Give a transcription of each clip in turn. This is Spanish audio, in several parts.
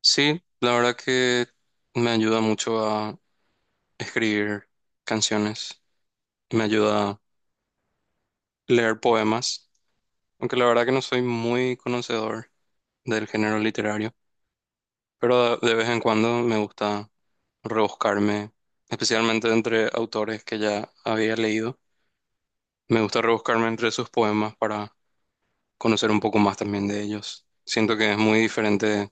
Sí, la verdad que me ayuda mucho a escribir canciones, me ayuda a leer poemas, aunque la verdad que no soy muy conocedor del género literario, pero de vez en cuando me gusta rebuscarme, especialmente entre autores que ya había leído, me gusta rebuscarme entre sus poemas para conocer un poco más también de ellos. Siento que es muy diferente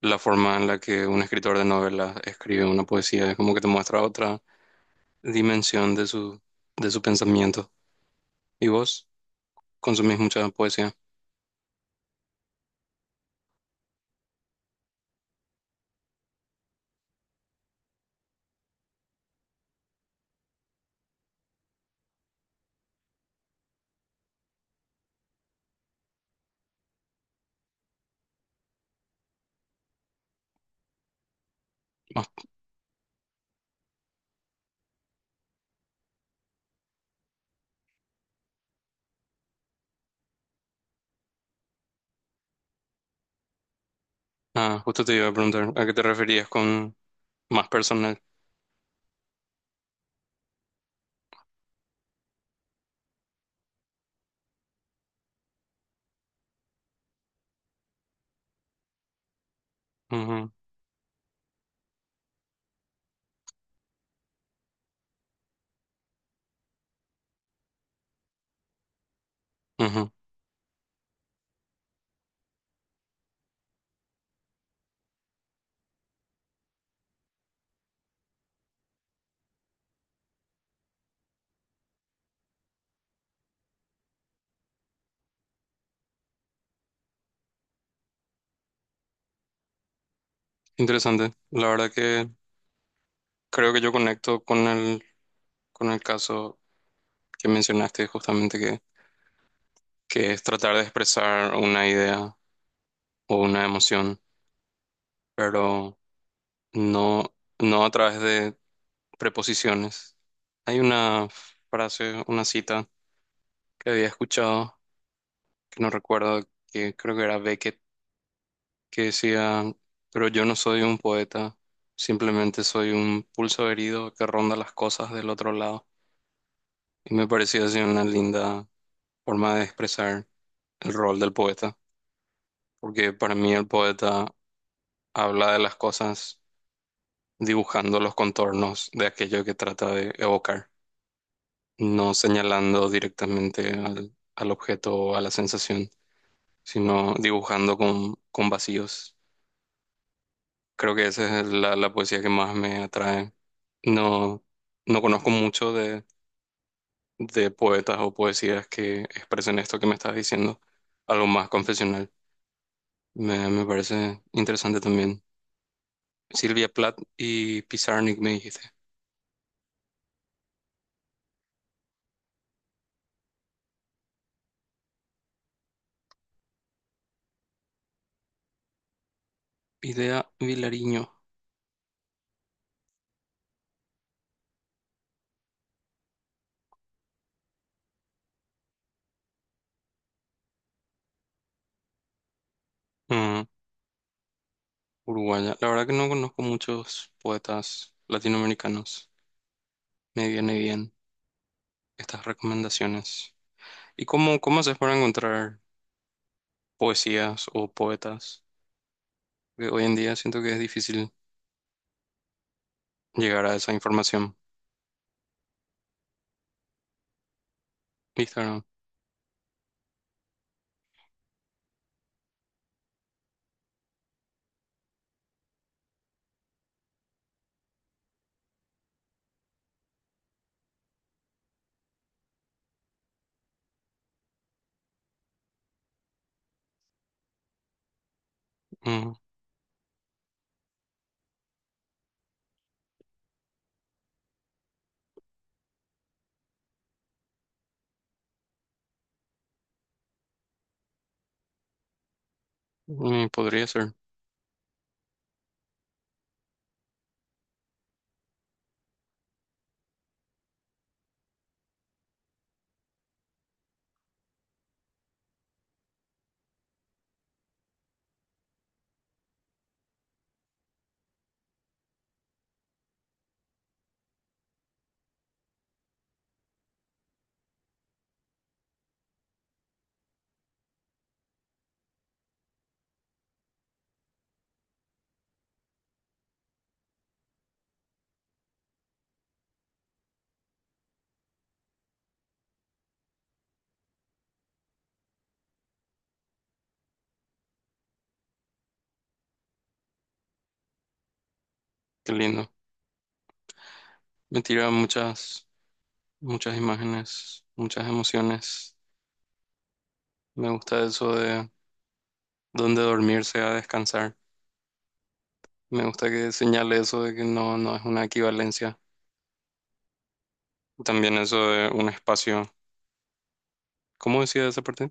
la forma en la que un escritor de novelas escribe una poesía, es como que te muestra otra dimensión de su pensamiento. ¿Y vos consumís mucha poesía? Ah, justo te iba a preguntar, ¿a qué te referías con más personal? Ujú, ujú. Interesante. La verdad que creo que yo conecto con el caso que mencionaste justamente, que es tratar de expresar una idea o una emoción, pero no, no a través de preposiciones. Hay una frase, una cita que había escuchado no recuerdo que creo que era Beckett que decía, pero yo no soy un poeta, simplemente soy un pulso herido que ronda las cosas del otro lado. Y me pareció así una linda forma de expresar el rol del poeta, porque para mí el poeta habla de las cosas dibujando los contornos de aquello que trata de evocar, no señalando directamente al, al objeto o a la sensación, sino dibujando con vacíos. Creo que esa es la, la poesía que más me atrae. No, no conozco mucho de poetas o poesías que expresen esto que me estás diciendo, algo más confesional. Me parece interesante también. Silvia Plath y Pizarnik me dijiste. Idea Vilariño, ujú, uruguaya. La verdad que no conozco muchos poetas latinoamericanos. Me viene bien estas recomendaciones. ¿Y cómo, cómo haces para encontrar poesías o poetas? Que hoy en día siento que es difícil llegar a esa información. Instagram. Mm. Podría ser. Qué lindo. Me tira muchas, muchas imágenes, muchas emociones. Me gusta eso de dónde dormirse a descansar. Me gusta que señale eso de que no, no es una equivalencia. También eso de un espacio. ¿Cómo decía esa parte?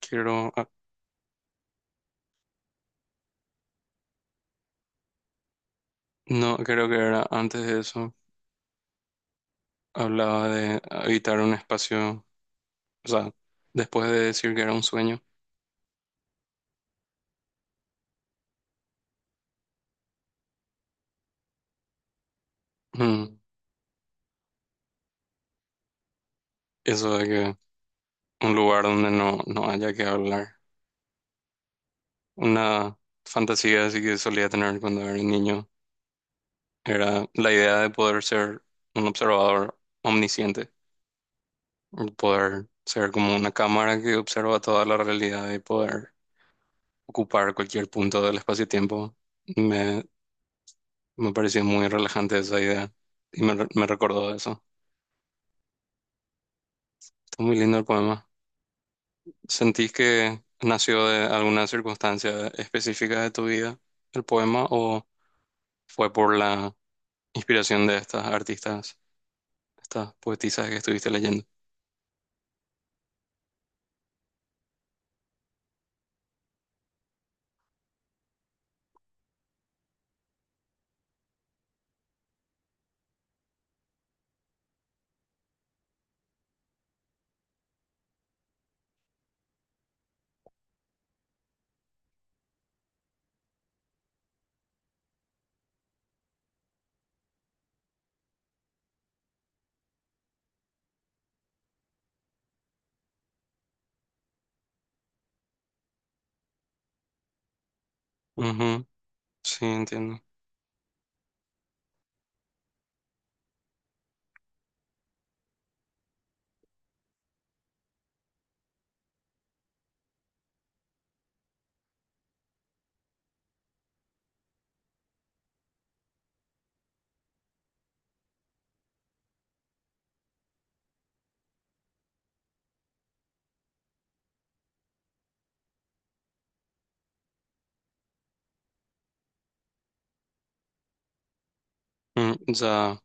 Quiero, ah, no, creo que era antes de eso. Hablaba de habitar un espacio, o sea, después de decir que era un sueño. Mm, Eso de que un lugar donde no, no haya que hablar. Una fantasía así que solía tener cuando era niño era la idea de poder ser un observador omnisciente, poder ser como una cámara que observa toda la realidad y poder ocupar cualquier punto del espacio-tiempo. Me, me pareció muy relajante esa idea y me, me recordó eso. Está muy lindo el poema. ¿Sentís que nació de alguna circunstancia específica de tu vida el poema o fue por la inspiración de estas artistas, estas poetisas que estuviste leyendo? Ujú, sí, entiendo. Mm, ya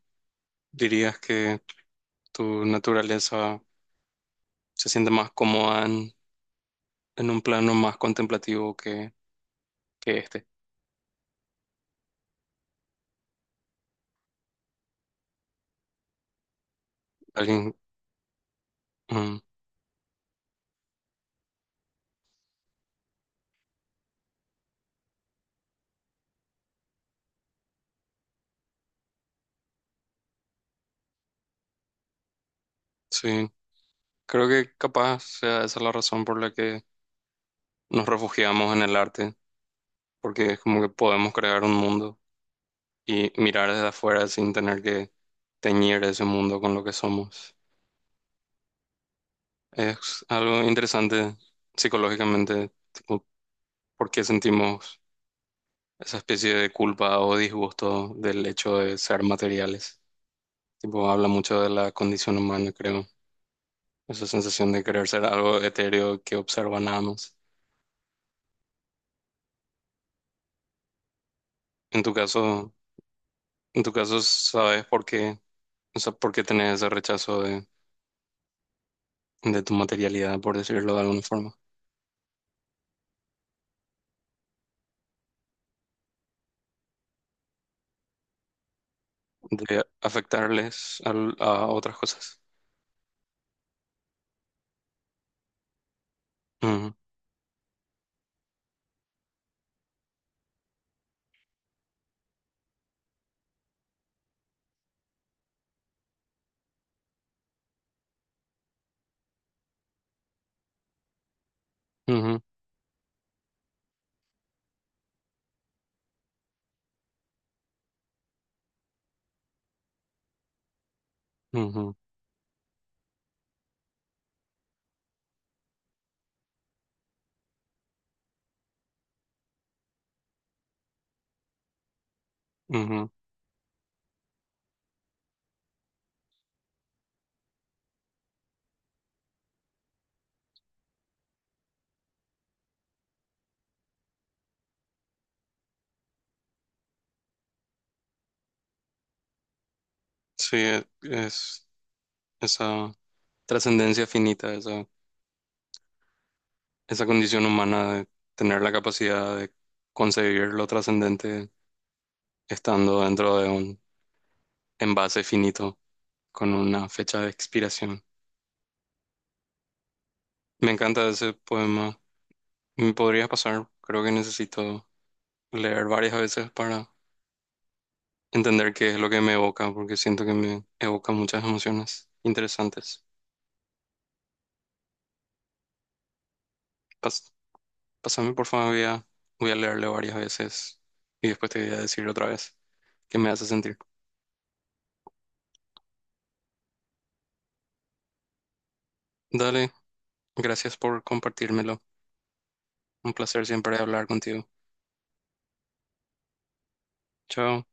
dirías que tu naturaleza se siente más cómoda en un plano más contemplativo que este. Alguien, mm, sí, creo que capaz sea esa la razón por la que nos refugiamos en el arte, porque es como que podemos crear un mundo y mirar desde afuera sin tener que teñir ese mundo con lo que somos. Es algo interesante psicológicamente, tipo, por qué sentimos esa especie de culpa o disgusto del hecho de ser materiales. Tipo, habla mucho de la condición humana, creo. Esa sensación de querer ser algo etéreo que observa nada más. En tu caso, en tu caso, ¿sabes por qué? O sea, ¿por qué tenés ese rechazo de tu materialidad, por decirlo de alguna forma? De afectarles a, otras cosas. Ujú, ujú, ujú, ujú. Sí, es... esa trascendencia finita, esa condición humana de tener la capacidad de concebir lo trascendente estando dentro de un envase finito con una fecha de expiración. Me encanta ese poema. Me podría pasar, creo que necesito leer varias veces para entender qué es lo que me evoca, porque siento que me evoca muchas emociones interesantes. Pas- Pásame, por favor, voy a, voy a leerlo varias veces y después te voy a decir otra vez qué me hace sentir. Dale. Gracias por compartírmelo. Un placer siempre hablar contigo. Chao.